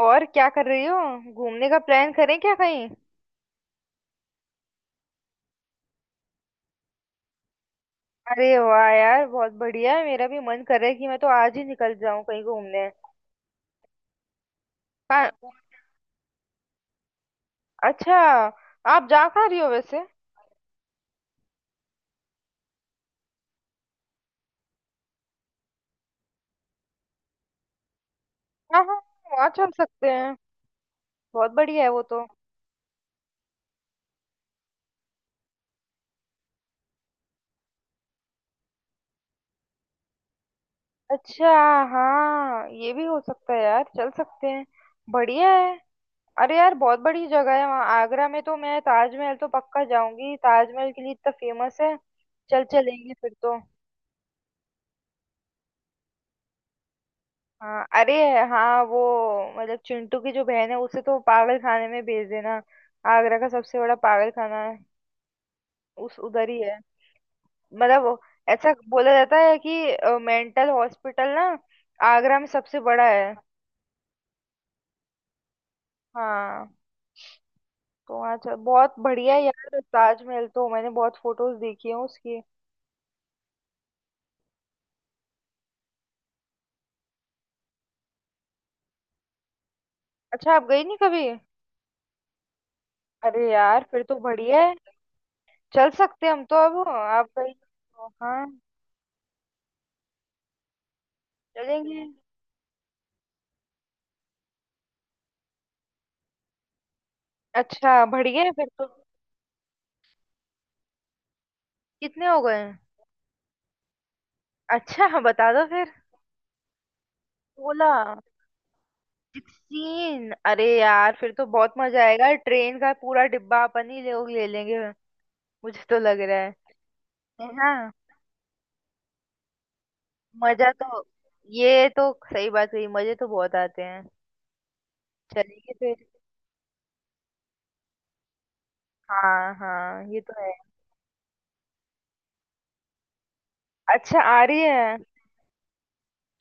और क्या कर रही हो। घूमने का प्लान करें क्या कहीं। अरे वाह यार बहुत बढ़िया है। मेरा भी मन कर रहा है कि मैं तो आज ही निकल जाऊं कहीं घूमने। कहाँ- अच्छा। आप जा कहाँ रही हो वैसे। हाँ हाँ वहाँ चल सकते हैं। बहुत बढ़िया है वो तो। अच्छा हाँ ये भी हो सकता है यार चल सकते हैं। बढ़िया है। अरे यार बहुत बड़ी जगह है वहाँ। आगरा में तो मैं ताजमहल तो पक्का जाऊंगी। ताजमहल के लिए इतना फेमस है। चल चलेंगे फिर तो। हाँ अरे हाँ वो मतलब चिंटू की जो बहन है उसे तो पागल खाने में भेज देना। आगरा का सबसे बड़ा पागल खाना है। उस उधर ही है। मतलब वो- ऐसा बोला जाता है कि मेंटल हॉस्पिटल ना आगरा में सबसे बड़ा है। हाँ तो वहाँ चल। बहुत बढ़िया है यार। ताजमहल तो मैंने बहुत फोटोज देखी है उसकी। अच्छा आप गई नहीं कभी। अरे यार फिर तो बढ़िया है। चल सकते हैं हम तो। अब आप गई हो, हाँ। चलेंगे। अच्छा बढ़िया है फिर तो। कितने हो गए। अच्छा हाँ बता दो फिर। 16 सीन अरे यार फिर तो बहुत मजा आएगा। ट्रेन का पूरा डिब्बा अपन ही लोग ले लेंगे। मुझे तो लग रहा है। है ना। मजा तो ये तो सही बात कही। मजे तो बहुत आते हैं। चलेंगे फिर। हाँ हाँ ये तो है। अच्छा आ रही है।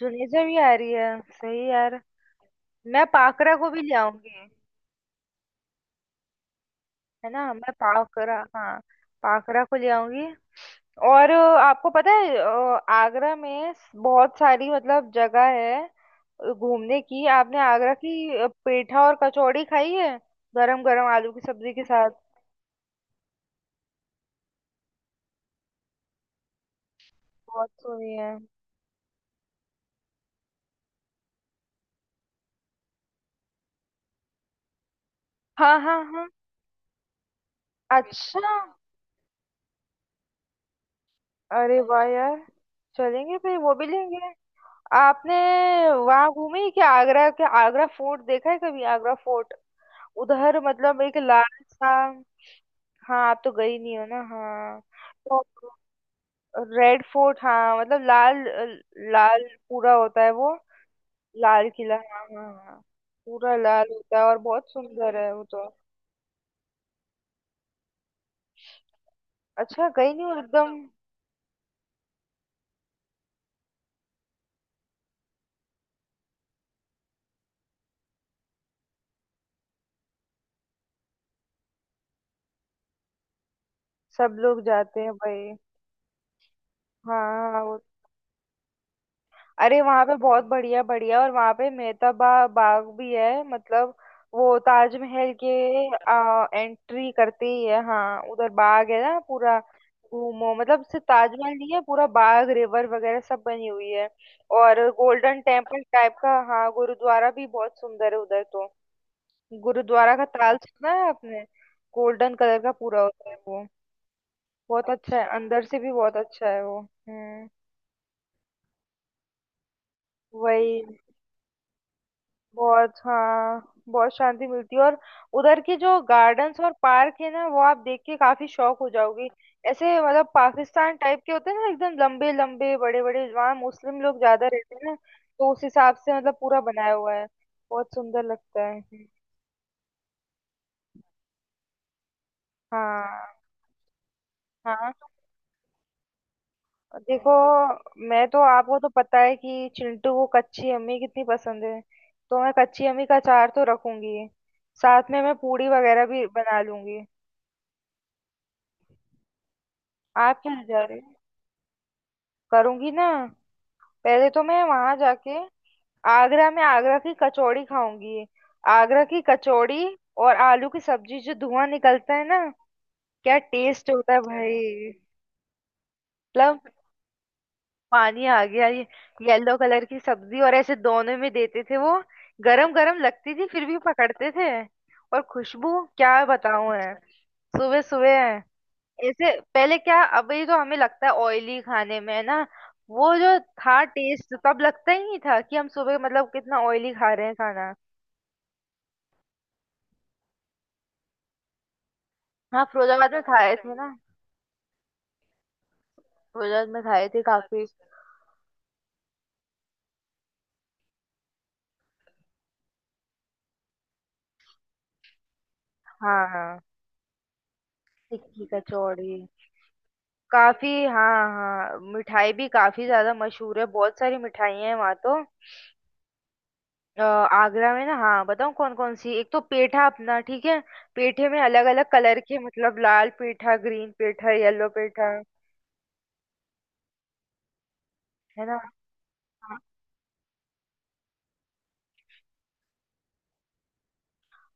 जुनेजा भी आ रही है। सही यार। मैं पाकरा को भी ले आऊंगी। है ना मैं पावकरा हाँ। पावकरा को ले आऊंगी। और आपको पता है आगरा में बहुत सारी मतलब जगह है घूमने की। आपने आगरा की पेठा और कचौड़ी खाई है? गरम गरम आलू की सब्जी के साथ। बहुत सुनी है। हाँ हाँ हाँ। अच्छा अरे वाह यार। चलेंगे फिर वो भी लेंगे। आपने वहां घूमी क्या? आगरा के आगरा फोर्ट देखा है कभी? आगरा फोर्ट उधर मतलब एक लाल सा। हाँ आप तो गई नहीं हो ना। हाँ तो रेड फोर्ट हाँ मतलब लाल। लाल पूरा होता है वो। लाल किला हाँ हाँ हाँ। पूरा लाल होता है और बहुत सुंदर है वो तो। अच्छा गई नहीं हो एकदम। सब लोग जाते हैं भाई। हाँ अरे वहां पे बहुत बढ़िया बढ़िया और वहां पे मेहताबा बाग भी है मतलब वो ताजमहल के एंट्री करते ही है। हाँ उधर बाग है ना पूरा। घूमो मतलब सिर्फ ताजमहल नहीं है पूरा बाग रिवर वगैरह सब बनी हुई है। और गोल्डन टेम्पल टाइप का हाँ गुरुद्वारा भी बहुत सुंदर है उधर तो। गुरुद्वारा का ताल सुना है आपने? गोल्डन कलर का पूरा होता है वो। बहुत अच्छा है। अंदर से भी बहुत अच्छा है वो। वही बहुत। हाँ बहुत शांति मिलती है। और उधर के जो गार्डन्स और पार्क है ना वो आप देख के काफी शौक हो जाओगी। ऐसे मतलब पाकिस्तान टाइप के होते हैं ना एकदम लंबे लंबे बड़े बड़े। वहाँ मुस्लिम लोग ज्यादा रहते हैं ना। तो उस हिसाब से मतलब पूरा बनाया हुआ है। बहुत सुंदर लगता है। हाँ हाँ। देखो मैं तो आपको तो पता है कि चिंटू को कच्ची अम्मी कितनी पसंद है। तो मैं कच्ची अम्मी का अचार तो रखूंगी। साथ में मैं पूड़ी वगैरह भी बना लूंगी। आप क्या जा रहे हैं? करूंगी ना। पहले तो मैं वहां जाके आगरा में आगरा की कचौड़ी खाऊंगी। आगरा की कचौड़ी और आलू की सब्जी जो धुआं निकलता है ना क्या टेस्ट होता है भाई। मतलब पानी आ गया ये। येलो कलर की सब्जी और ऐसे दोनों में देते थे वो। गरम गरम लगती थी फिर भी पकड़ते थे। और खुशबू क्या बताऊं है। सुबह सुबह ऐसे पहले क्या अभी तो हमें लगता है ऑयली खाने में है ना। वो जो था टेस्ट तब लगता ही नहीं था कि हम सुबह मतलब कितना ऑयली खा रहे हैं खाना। हाँ फिरोजाबाद में खाए थे ना। फिरोजाबाद में खाए थे काफी। हाँ हाँ टिक्की कचौड़ी। काफी हाँ हाँ मिठाई भी काफी ज्यादा मशहूर है। बहुत सारी मिठाइयाँ हैं वहाँ तो। आगरा में ना हाँ बताऊँ कौन कौन सी एक तो पेठा अपना ठीक है। पेठे में अलग अलग कलर के मतलब लाल पेठा ग्रीन पेठा येलो पेठा। है ना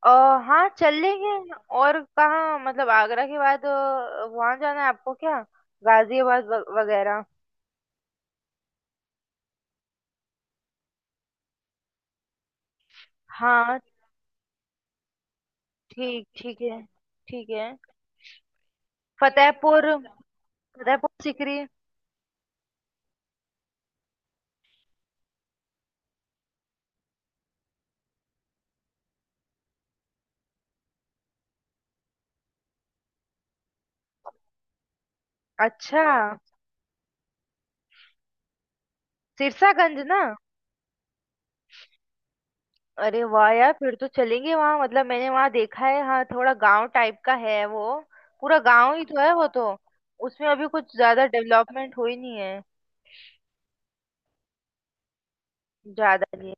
अ, हाँ चल लेंगे। और कहाँ मतलब आगरा के बाद वहाँ जाना है आपको क्या? वगैरह। हाँ ठीक ठीक है ठीक है। फतेहपुर फतेहपुर सीकरी। अच्छा सिरसागंज ना। अरे वाह यार फिर तो चलेंगे वहाँ। मतलब मैंने वहाँ देखा है हाँ थोड़ा गांव टाइप का है वो। पूरा गांव ही तो है वो तो। उसमें अभी कुछ ज्यादा डेवलपमेंट हुई नहीं है। ज्यादा नहीं।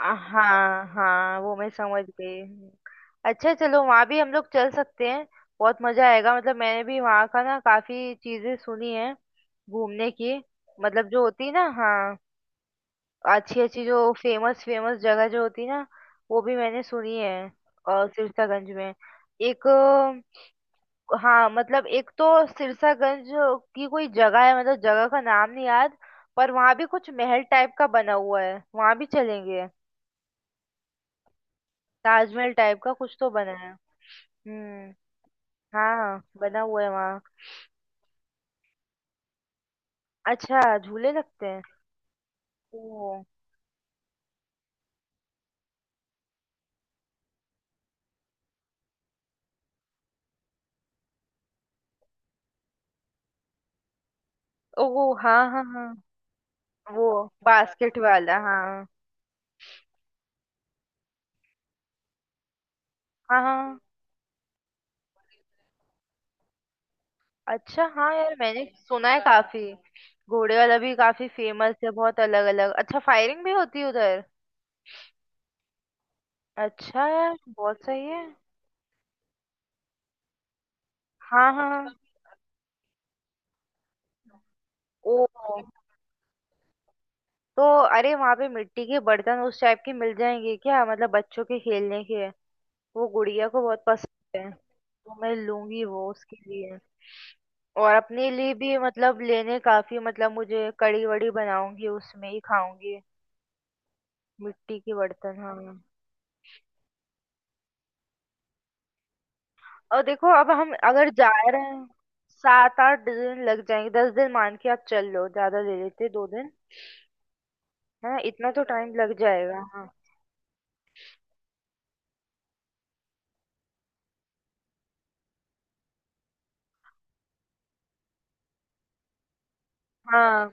हाँ हाँ वो मैं समझ गई हूँ। अच्छा चलो वहाँ भी हम लोग चल सकते हैं। बहुत मजा आएगा। मतलब मैंने भी वहाँ का ना काफी चीजें सुनी है घूमने की। मतलब जो होती है ना हाँ अच्छी अच्छी जो फेमस फेमस जगह जो होती है ना वो भी मैंने सुनी है। और सिरसागंज में एक हाँ मतलब एक तो सिरसागंज की कोई जगह है मतलब जगह का नाम नहीं याद पर वहाँ भी कुछ महल टाइप का बना हुआ है वहाँ भी चलेंगे। ताजमहल टाइप का कुछ तो बना है। हम्म हाँ बना हुआ है वहाँ। अच्छा झूले लगते हैं। ओ ओ हाँ हाँ हाँ। वो बास्केट वाला हाँ हाँ हाँ हाँ। अच्छा हाँ यार मैंने सुना है काफी। घोड़े वाला भी काफी फेमस है। बहुत अलग अलग। अच्छा फायरिंग भी होती है उधर। अच्छा यार बहुत सही है। हाँ हाँ हाँ। ओ तो अरे वहां पे मिट्टी के बर्तन उस टाइप के मिल जाएंगे क्या मतलब बच्चों के खेलने के? वो गुड़िया को बहुत पसंद है तो मैं लूंगी वो उसके लिए। और अपने लिए भी मतलब लेने काफी मतलब मुझे कड़ी वड़ी बनाऊंगी उसमें ही खाऊंगी। मिट्टी के बर्तन हाँ। और देखो अब हम अगर जा रहे हैं 7-8 दिन लग जाएंगे। 10 दिन मान के आप चल लो ज्यादा ले लेते 2 दिन। है ना इतना तो टाइम लग जाएगा हाँ। हाँ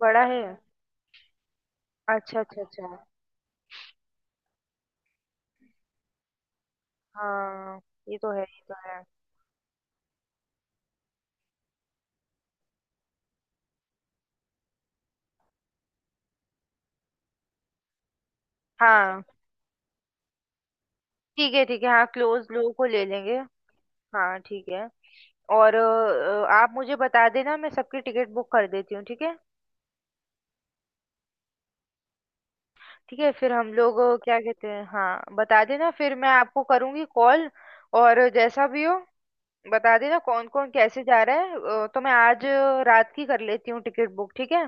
बड़ा है। अच्छा अच्छा अच्छा। हाँ ये तो है ये तो है। हाँ ठीक है हाँ क्लोज लो को ले लेंगे। हाँ ठीक है। और आप मुझे बता देना मैं सबकी टिकट बुक कर देती हूँ ठीक है। ठीक है फिर हम लोग क्या कहते हैं हाँ बता देना फिर मैं आपको करूँगी कॉल। और जैसा भी हो बता देना कौन कौन कैसे जा रहा है। तो मैं आज रात की कर लेती हूँ टिकट बुक ठीक है।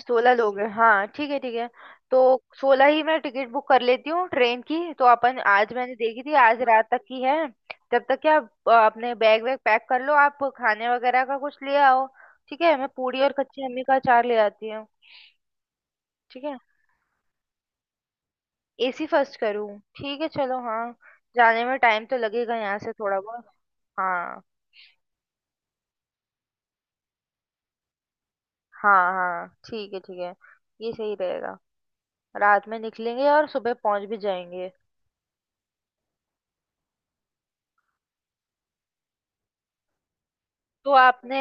16 लोग हैं हाँ ठीक है ठीक है। तो 16 ही मैं टिकट बुक कर लेती हूँ ट्रेन की। तो अपन आज मैंने देखी थी आज रात तक की है। जब तक क्या आप अपने बैग वैग पैक कर लो आप खाने वगैरह का कुछ ले आओ ठीक है। मैं पूड़ी और कच्ची अम्मी का अचार ले आती हूँ। ठीक है एसी फर्स्ट करूँ ठीक है चलो हाँ। जाने में टाइम तो लगेगा यहाँ से थोड़ा बहुत। हाँ हाँ हाँ ठीक है ठीक है। ये सही रहेगा। रात में निकलेंगे और सुबह पहुंच भी जाएंगे। तो आपने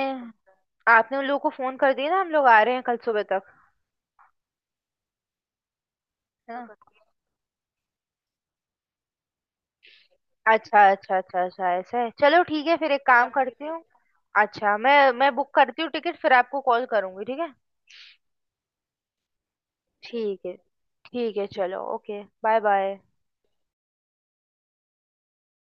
आपने उन लोगों को फोन कर दिया ना हम लोग आ रहे हैं कल सुबह तक है ना। अच्छा अच्छा अच्छा अच्छा ऐसा है चलो ठीक है फिर एक काम करती हूँ। अच्छा मैं बुक करती हूँ टिकट फिर आपको कॉल करूंगी ठीक है। ठीक है ठीक है चलो ओके बाय बाय।